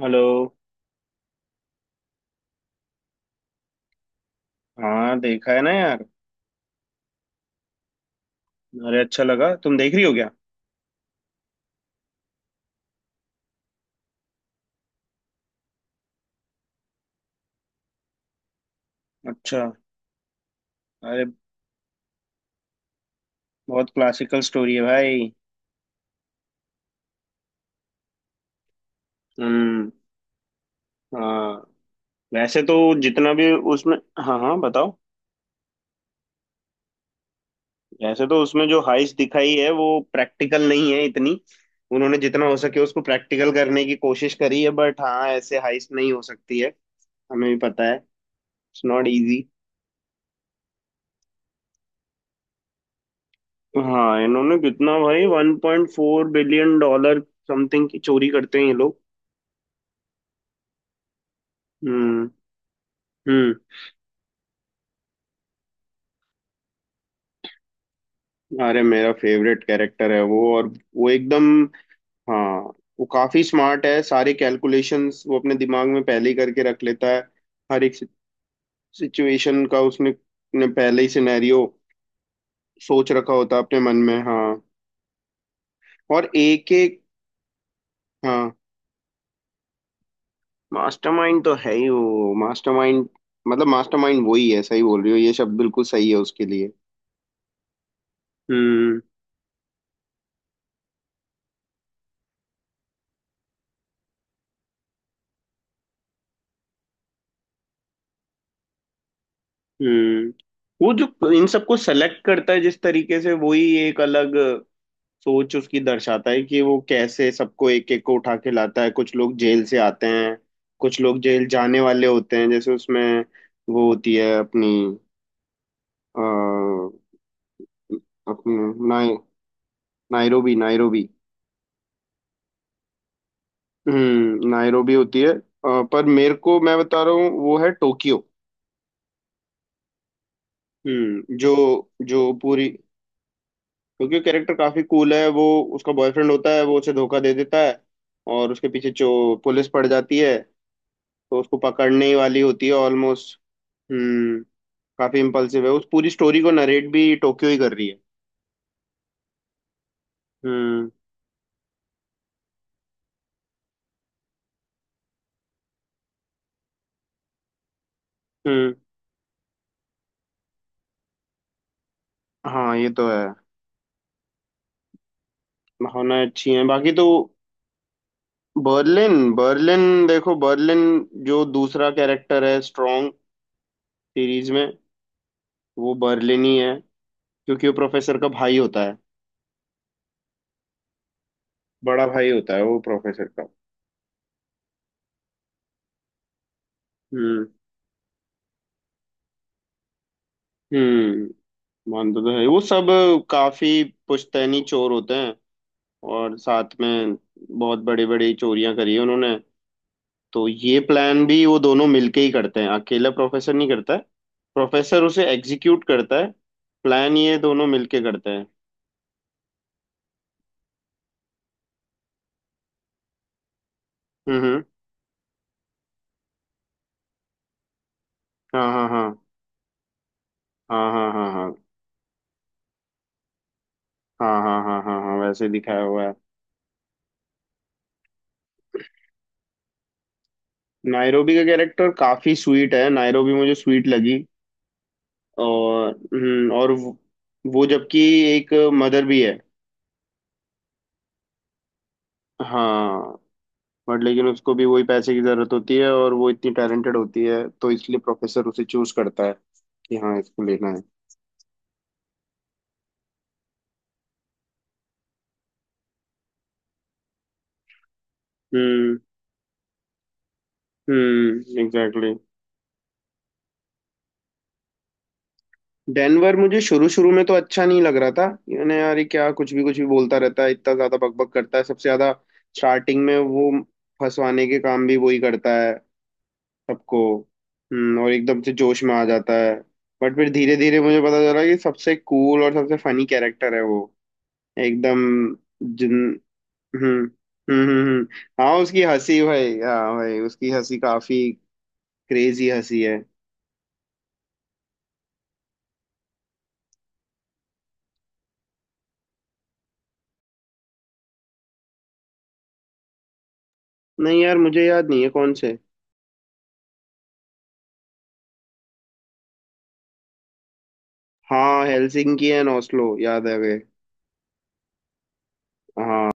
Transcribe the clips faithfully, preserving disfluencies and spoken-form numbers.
Hello. हाँ, देखा है ना यार। अरे, अच्छा लगा। तुम देख रही हो क्या? अच्छा। अरे, बहुत क्लासिकल स्टोरी है भाई। हम्म। हाँ, वैसे तो जितना भी उसमें। हाँ हाँ, बताओ। वैसे तो उसमें जो हाइस्ट दिखाई है वो प्रैक्टिकल नहीं है इतनी। उन्होंने जितना हो सके उसको प्रैक्टिकल करने की कोशिश करी है, बट हाँ, ऐसे हाइस्ट नहीं हो सकती है। हमें भी पता है, इट्स नॉट इजी। हाँ, इन्होंने कितना भाई, one point four billion dollar something की चोरी करते हैं ये लोग। हम्म हम्म। अरे, मेरा फेवरेट कैरेक्टर है वो। और वो एकदम। हाँ, वो काफी स्मार्ट है। सारे कैलकुलेशंस वो अपने दिमाग में पहले ही करके रख लेता है। हर एक सिचुएशन का उसने ने पहले ही सिनेरियो सोच रखा होता है अपने मन में। हाँ, और एक एक। हाँ। मास्टरमाइंड तो है ही वो, मास्टरमाइंड। मतलब मास्टरमाइंड वही है। सही बोल रही हो, ये शब्द बिल्कुल सही है उसके लिए। हम्म हम्म, वो जो इन सबको सेलेक्ट करता है जिस तरीके से, वही एक अलग सोच उसकी दर्शाता है कि वो कैसे सबको एक एक को उठा के लाता है। कुछ लोग जेल से आते हैं, कुछ लोग जेल जाने वाले होते हैं। जैसे उसमें वो होती है अपनी। अ, अपनी नाय नायरोबी, नायरोबी। हम्म नायरोबी होती है। अ, पर मेरे को, मैं बता रहा हूँ, वो है टोक्यो। हम्म जो जो पूरी। टोक्यो कैरेक्टर काफी कूल है वो। उसका बॉयफ्रेंड होता है, वो उसे धोखा दे देता है और उसके पीछे जो पुलिस पड़ जाती है, तो उसको पकड़ने ही वाली होती है ऑलमोस्ट। हम्म काफी इम्पल्सिव है। उस पूरी स्टोरी को नरेट भी टोक्यो ही कर रही है। हम्म। हम्म। हाँ, ये तो है। भावनाएं अच्छी हैं, बाकी तो। बर्लिन, बर्लिन देखो। बर्लिन जो दूसरा कैरेक्टर है स्ट्रॉन्ग सीरीज में, वो बर्लिन ही है क्योंकि वो प्रोफेसर का भाई होता है। बड़ा भाई होता है वो प्रोफेसर का। हम्म। हम्म मानता तो है वो सब। काफी पुश्तैनी चोर होते हैं और साथ में बहुत बड़ी बड़ी चोरियां करी है उन्होंने। तो ये प्लान भी वो दोनों मिलके ही करते हैं, अकेला प्रोफेसर नहीं करता है। प्रोफेसर उसे एग्जीक्यूट करता है। प्लान ये दोनों मिलके करते हैं। हम्म, हम्म। हाँ हाँ हाँ हाँ हाँ हाँ, हाँ हाँ हाँ हाँ हाँ हाँ, वैसे दिखाया हुआ है। नायरोबी का कैरेक्टर काफी स्वीट है। नायरोबी मुझे स्वीट लगी। और हम्म, और वो वो जबकि एक मदर भी है। हाँ, बट लेकिन उसको भी वही पैसे की जरूरत होती है। और वो इतनी टैलेंटेड होती है तो इसलिए प्रोफेसर उसे चूज करता है कि हाँ, इसको लेना है। हम्म हम्म एग्जैक्टली। डेनवर मुझे शुरू शुरू में तो अच्छा नहीं लग रहा था। यानी यार ये क्या, कुछ भी कुछ भी बोलता रहता है, इतना ज्यादा बकबक करता है सबसे ज्यादा। स्टार्टिंग में वो फंसवाने के काम भी वही करता है सबको। हम्म और एकदम से जोश में आ जाता है। बट फिर धीरे धीरे मुझे पता चला कि सबसे कूल और सबसे फनी कैरेक्टर है वो। एकदम जिन। हम्म। हम्म हम्म, हम्म। हाँ, उसकी हंसी भाई, हाँ भाई, उसकी हंसी काफी क्रेजी हंसी है। नहीं यार, मुझे याद नहीं है कौन से। हाँ, हेलसिंकी एंड ओस्लो, याद आ गए। हाँ,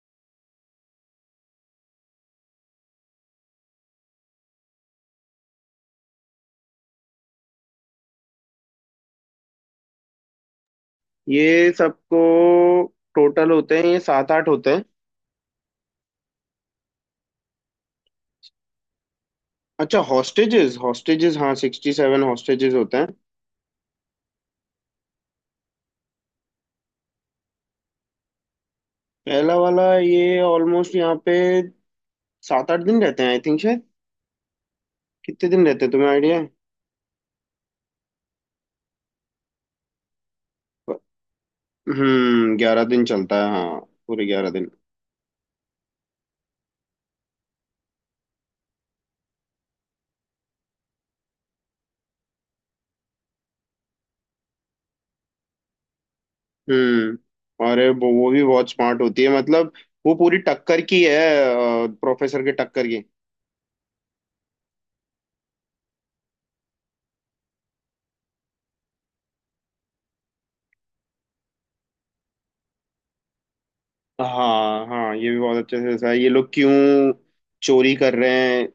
ये सबको। टोटल होते हैं ये सात आठ होते हैं। अच्छा, हॉस्टेजेस। हॉस्टेजेस, हाँ, सिक्सटी सेवन हॉस्टेजेस होते हैं। पहला वाला ये ऑलमोस्ट यहाँ पे सात आठ दिन रहते हैं आई थिंक, शायद। कितने दिन रहते हैं तुम्हें आइडिया है? हम्म, ग्यारह दिन चलता है, हाँ, पूरे ग्यारह दिन। हम्म अरे, वो वो भी बहुत स्मार्ट होती है मतलब। वो पूरी टक्कर की है, प्रोफेसर के टक्कर की। हाँ हाँ, ये भी बहुत अच्छे से दर्शाया है। ये लोग क्यों चोरी कर रहे हैं,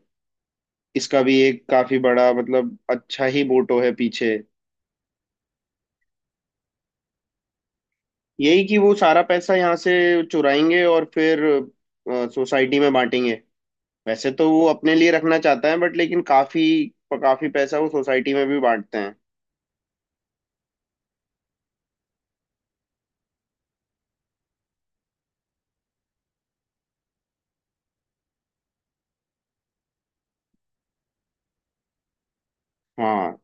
इसका भी एक काफी बड़ा, मतलब अच्छा ही मोटो है पीछे। यही कि वो सारा पैसा यहाँ से चुराएंगे और फिर सोसाइटी में बांटेंगे। वैसे तो वो अपने लिए रखना चाहता है बट लेकिन काफी काफी पैसा वो सोसाइटी में भी बांटते हैं। हाँ,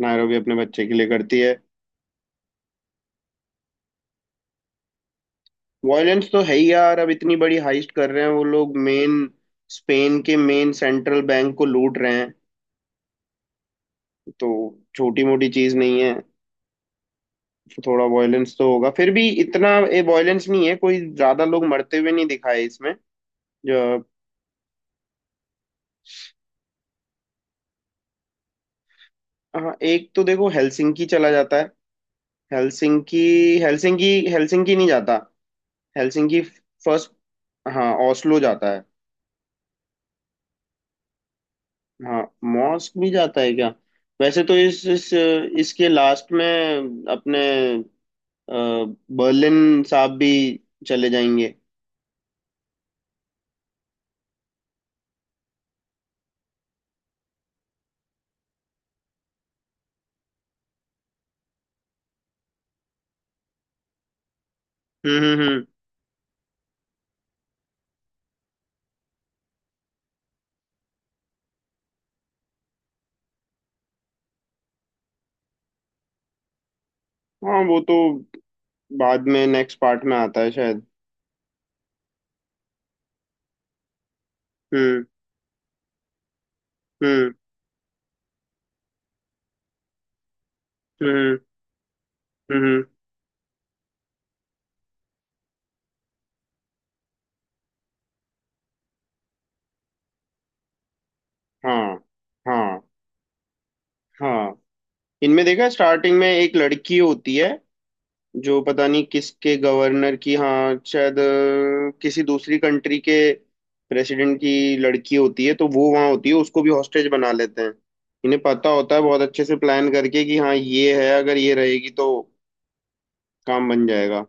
नायरो भी अपने बच्चे के लिए करती है। वायलेंस तो है ही यार, अब इतनी बड़ी हाइस्ट कर रहे हैं वो लोग, मेन स्पेन के मेन सेंट्रल बैंक को लूट रहे हैं तो छोटी मोटी चीज नहीं है। थोड़ा वायलेंस तो होगा, फिर भी इतना ये वायलेंस नहीं है, कोई ज्यादा लोग मरते हुए नहीं दिखाए इसमें जो। हाँ एक तो देखो हेलसिंकी चला जाता है। हेलसिंकी हेलसिंकी, हेलसिंकी नहीं जाता। Helsinki first. हाँ, ओस्लो जाता है। हाँ, मॉस्क भी जाता है क्या? वैसे तो इस, इस इसके लास्ट में अपने अ, बर्लिन साहब भी चले जाएंगे। हम्म, हम्म, हम्म। हाँ, वो तो बाद में नेक्स्ट पार्ट में आता है शायद। हम्म। हम्म। हम्म, हम्म। हाँ हाँ हाँ। इनमें देखा, स्टार्टिंग में एक लड़की होती है जो पता नहीं किसके गवर्नर की, हाँ शायद अ, किसी दूसरी कंट्री के प्रेसिडेंट की लड़की होती है। तो वो वहाँ होती है, उसको भी हॉस्टेज बना लेते हैं। इन्हें पता होता है, बहुत अच्छे से प्लान करके कि हाँ, ये है, अगर ये रहेगी तो काम बन जाएगा।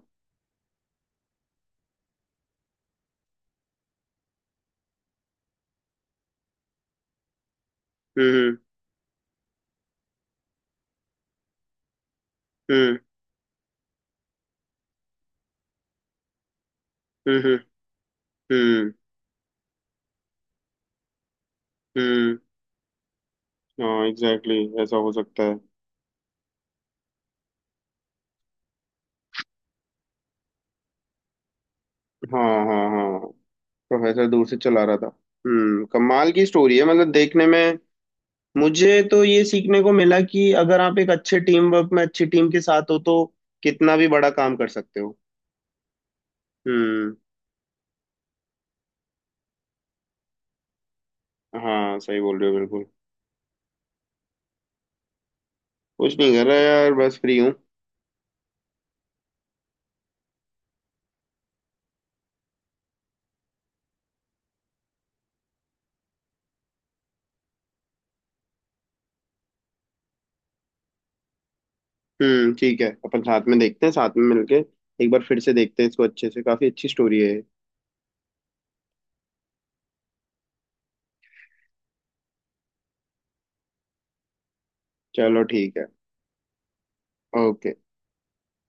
हम्म हम्म हम्म, हम्म, हम्म। हम्म। हाँ एग्जैक्टली exactly, ऐसा हो सकता है। हाँ हाँ हाँ, प्रोफेसर दूर से चला रहा था। हम्म, कमाल की स्टोरी है मतलब देखने में। मुझे तो ये सीखने को मिला कि अगर आप एक अच्छे टीम वर्क में अच्छी टीम के साथ हो तो कितना भी बड़ा काम कर सकते हो। हम्म। हाँ सही बोल रहे हो बिल्कुल। कुछ नहीं कर रहा यार, बस फ्री हूँ। हम्म, ठीक है, अपन साथ में देखते हैं, साथ में मिलके एक बार फिर से देखते हैं इसको अच्छे से। काफी अच्छी स्टोरी है ये। चलो ठीक है। ओके।